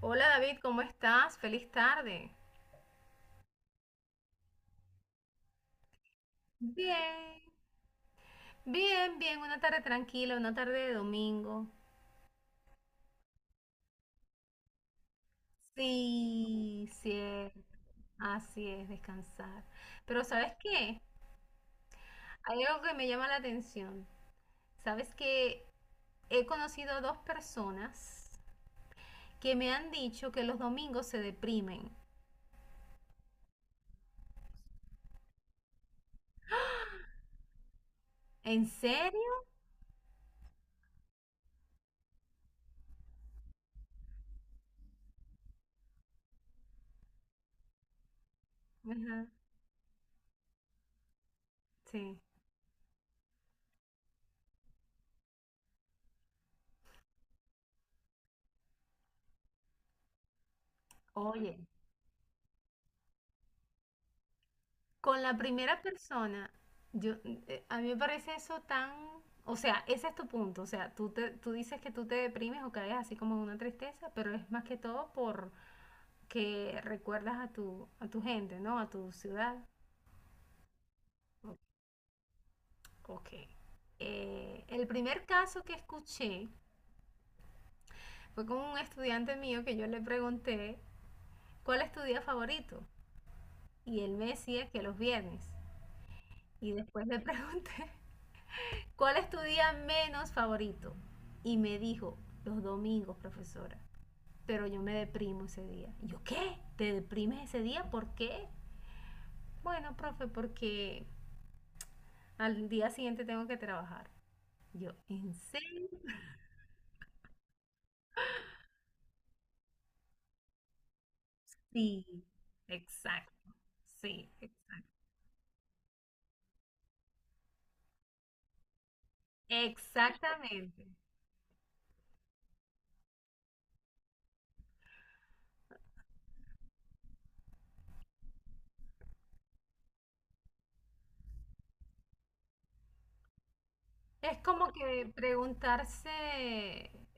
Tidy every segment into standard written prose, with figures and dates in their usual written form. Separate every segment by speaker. Speaker 1: Hola David, ¿cómo estás? Feliz tarde. Bien. Bien, bien, una tarde tranquila, una tarde de domingo. Sí, cierto. Así es, descansar. Pero ¿sabes qué? Hay algo que me llama la atención. ¿Sabes que He conocido dos personas que me han dicho que los domingos se deprimen. ¿En serio? Ajá, sí. Oye. Con la primera persona, yo, a mí me parece eso tan, o sea, ese es tu punto, o sea, tú dices que tú te deprimes o caes así como en una tristeza, pero es más que todo por que recuerdas a tu gente, ¿no? A tu ciudad. O- Ok. El primer caso que escuché fue con un estudiante mío que yo le pregunté, ¿cuál es tu día favorito? Y él me decía que los viernes. Y después le pregunté ¿Cuál es tu día menos favorito? Y me dijo, los domingos, profesora. Pero yo me deprimo ese día. Y yo, ¿qué? ¿Te deprimes ese día? ¿Por qué? Bueno, profe, porque al día siguiente tengo que trabajar. Yo, ¿en serio? Sí, exacto. Sí, exacto. Exactamente. Es como que preguntarse,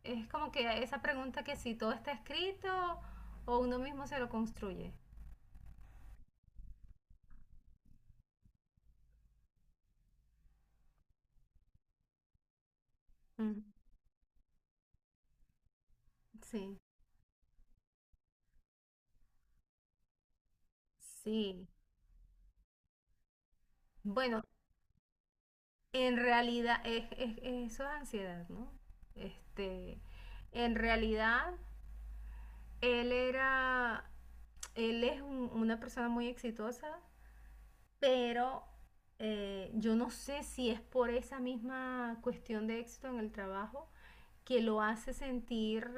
Speaker 1: es como que esa pregunta que si todo está escrito o uno mismo se lo construye. Ujú. Sí, sí. Bueno, en realidad eso es ansiedad, ¿no? Este, en realidad él era, él es una persona muy exitosa, pero yo no sé si es por esa misma cuestión de éxito en el trabajo que lo hace sentir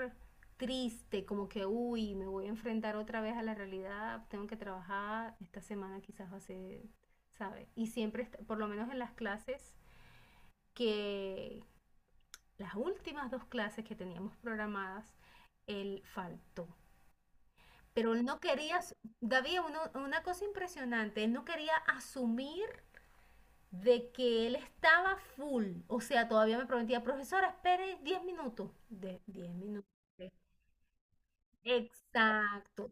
Speaker 1: triste, como que, uy, me voy a enfrentar otra vez a la realidad, tengo que trabajar, esta semana quizás va a ser, ¿sabe? Y siempre, por lo menos en las clases que, las últimas dos clases que teníamos programadas, él faltó. Pero él no quería, David, una cosa impresionante, él no quería asumir de que él estaba full. O sea, todavía me prometía, profesora, espere 10 minutos. De 10 minutos. Sí. Exacto.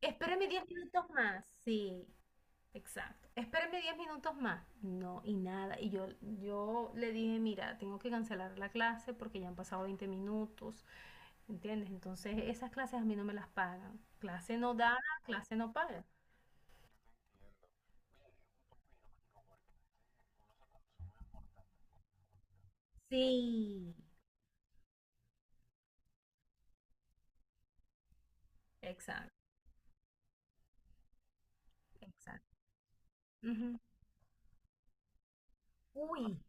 Speaker 1: Espéreme 10 minutos más. Sí, exacto. Espéreme diez minutos más. No, y nada. Y yo le dije, mira, tengo que cancelar la clase porque ya han pasado 20 minutos. ¿Entiendes? Entonces esas clases a mí no me las pagan. Clase no dada, clase no paga. Sí. Exacto, exacto. Ujú. Uy,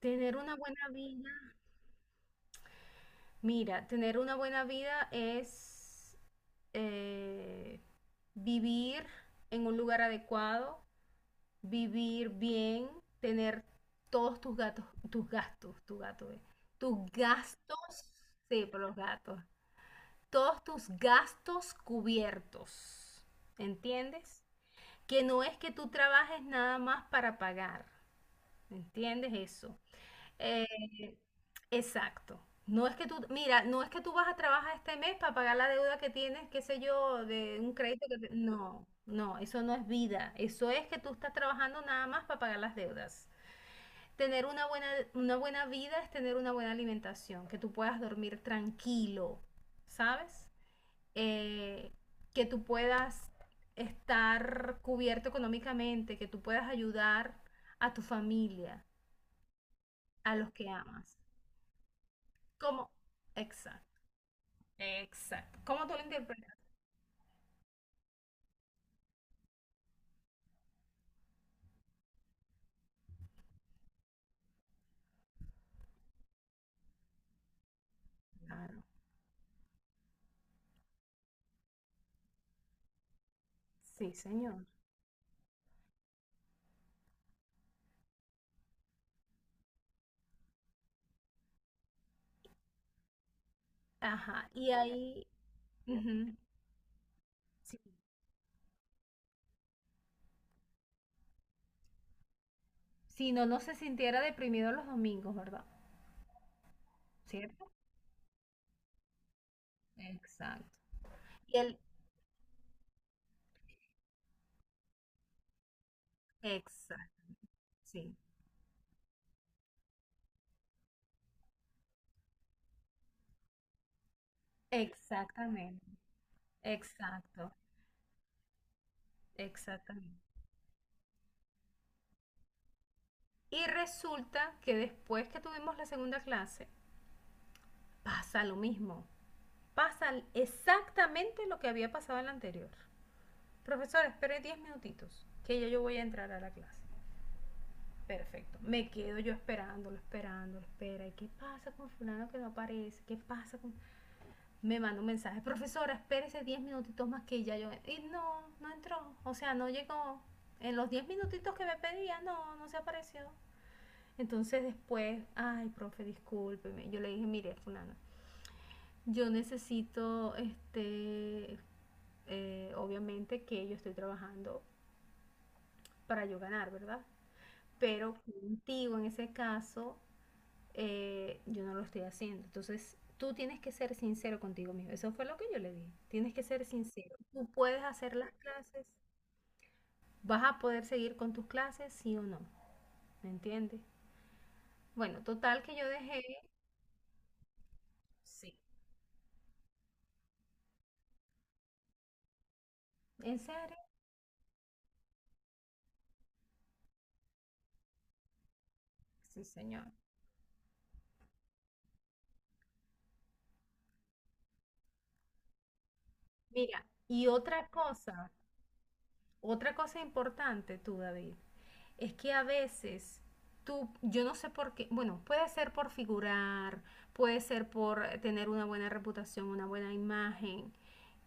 Speaker 1: tener una buena vida, mira, tener una buena vida es eh, vivir en un lugar adecuado, vivir bien, tener todos tus gatos, tus gastos, tus gatos, tus gastos, sí, por los gatos, todos tus gastos cubiertos. ¿Entiendes? Que no es que tú trabajes nada más para pagar. ¿Entiendes eso? Eh, exacto. No es que tú, mira, no es que tú vas a trabajar este mes para pagar la deuda que tienes, qué sé yo, de un crédito No, no, eso no es vida. Eso es que tú estás trabajando nada más para pagar las deudas. Tener una buena vida es tener una buena alimentación, que tú puedas dormir tranquilo, ¿sabes? eh, que tú puedas estar cubierto económicamente, que tú puedas ayudar a tu familia, a los que amas. ¿Cómo? Exacto, exacto. ¿Cómo tú lo interpretas? Claro. Sí, señor. Ajá, y ahí, ujú, sí. Si no, no se sintiera deprimido los domingos, ¿verdad? ¿Cierto? Exacto. Y el, exacto, sí. Exactamente. Exacto, exactamente. Y resulta que después que tuvimos la segunda clase, pasa lo mismo. Pasa exactamente lo que había pasado en la anterior. Profesor, espere 10 minutitos, que ya yo voy a entrar a la clase. Perfecto. Me quedo yo esperándolo, esperándolo, espera. ¿Y qué pasa con fulano que no aparece? ¿Qué pasa con...? Me manda un mensaje. Profesora, espérese 10 minutitos más que ya yo... Y no, no entró. O sea, no llegó. En los 10 minutitos que me pedía, no, no se apareció. Entonces después, ay, profe, discúlpeme. Yo le dije, mire, fulana, yo necesito, obviamente que yo estoy trabajando para yo ganar, ¿verdad? Pero contigo en ese caso, yo no lo estoy haciendo. Entonces, tú tienes que ser sincero contigo mismo. Eso fue lo que yo le dije. Tienes que ser sincero. Tú puedes hacer las clases. ¿Vas a poder seguir con tus clases, sí o no? ¿Me entiendes? Bueno, total que yo dejé. Sí. ¿En serio? Sí, señor. Mira, y otra cosa importante tú, David, es que a veces yo no sé por qué, bueno, puede ser por figurar, puede ser por tener una buena reputación, una buena imagen,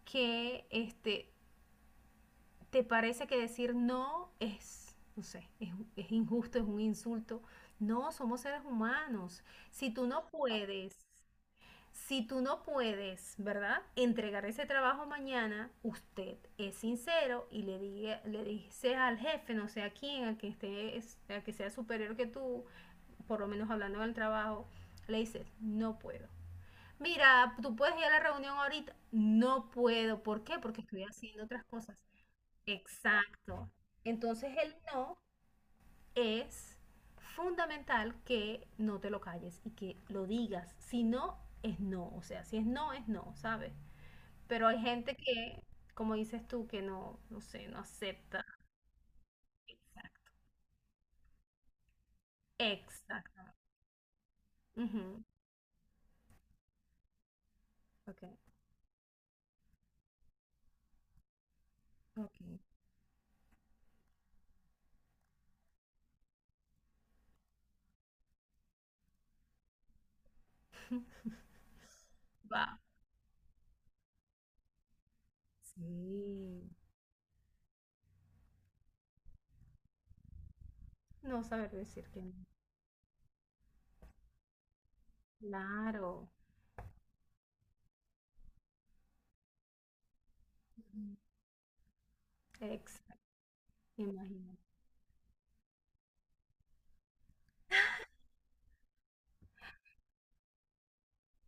Speaker 1: que te parece que decir no es, no sé, es injusto, es un insulto. No, somos seres humanos. Si tú no puedes Si tú no puedes, ¿verdad? Entregar ese trabajo mañana, usted es sincero y le dice al jefe, no sé a quién, al que sea superior que tú, por lo menos hablando del trabajo, le dices, no puedo. Mira, tú puedes ir a la reunión ahorita. No puedo. ¿Por qué? Porque estoy haciendo otras cosas. Exacto. Entonces el no es fundamental que no te lo calles y que lo digas. Si no, es no. O sea, si es no, es no, ¿sabes? Pero hay gente que, como dices tú, que no, no sé, no acepta. Exacto. Exacto. Ujú. Ok, ok. Va. Sí. No saber decir que no. Claro. Ujú. Exacto. Imagínate.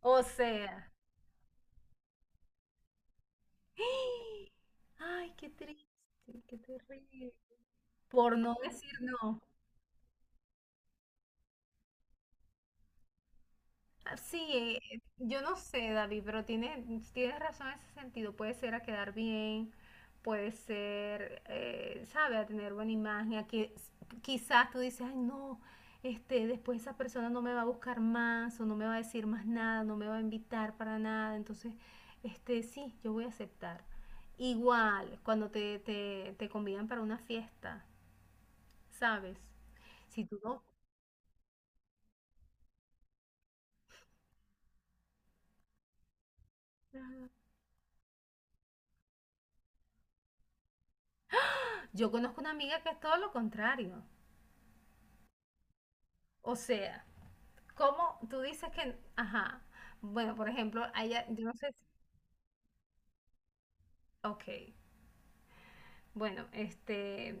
Speaker 1: O sea. Ay, qué triste, qué terrible. Por no decir no. Ah, sí, yo no sé, David, pero tienes razón en ese sentido. Puede ser a quedar bien, puede ser, sabe, a tener buena imagen, quizás tú dices, ay, no, después esa persona no me va a buscar más o no me va a decir más nada, no me va a invitar para nada. Entonces, sí, yo voy a aceptar. Igual, cuando te convidan para una fiesta, ¿sabes? Si tú no... Yo conozco una amiga que es todo lo contrario. O sea, ¿cómo tú dices que, ajá, bueno, por ejemplo, a ella, yo no sé, ok, bueno,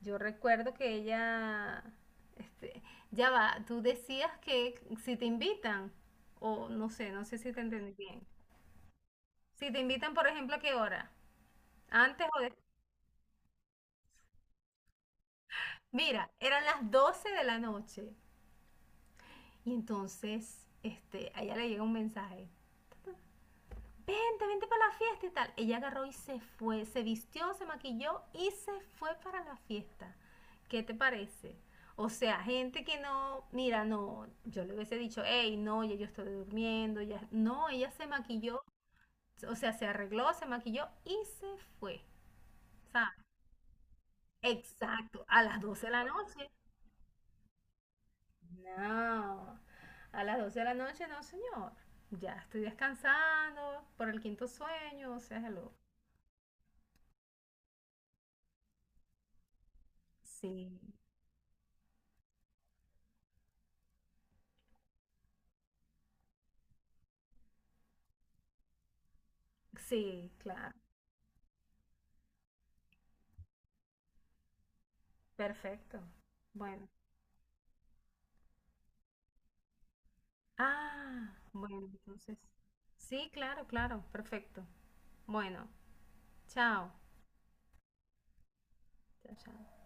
Speaker 1: yo recuerdo que ella, este, ya va, tú decías que si te invitan, o no sé si te entendí bien, si te invitan, por ejemplo, ¿a qué hora? Antes o después. Mira, eran las 12 de la noche y entonces, a ella le llega un mensaje. Vente, vente para la fiesta y tal. Ella agarró y se fue, se vistió, se maquilló y se fue para la fiesta. ¿Qué te parece? O sea, gente que no, mira, no, yo le hubiese dicho, hey, no, ya yo estoy durmiendo, ya, no, ella se maquilló, o sea, se arregló, se maquilló y se fue, ¿sabes? Exacto, a las 12 de la noche. No, a las 12 de la noche no, señor. Ya estoy descansando por el quinto sueño, o sea, hello. Sí. Sí, claro. Perfecto. Bueno. Ah, bueno, entonces. Sí, claro, claro. Perfecto. Bueno, chao. Chao, chao.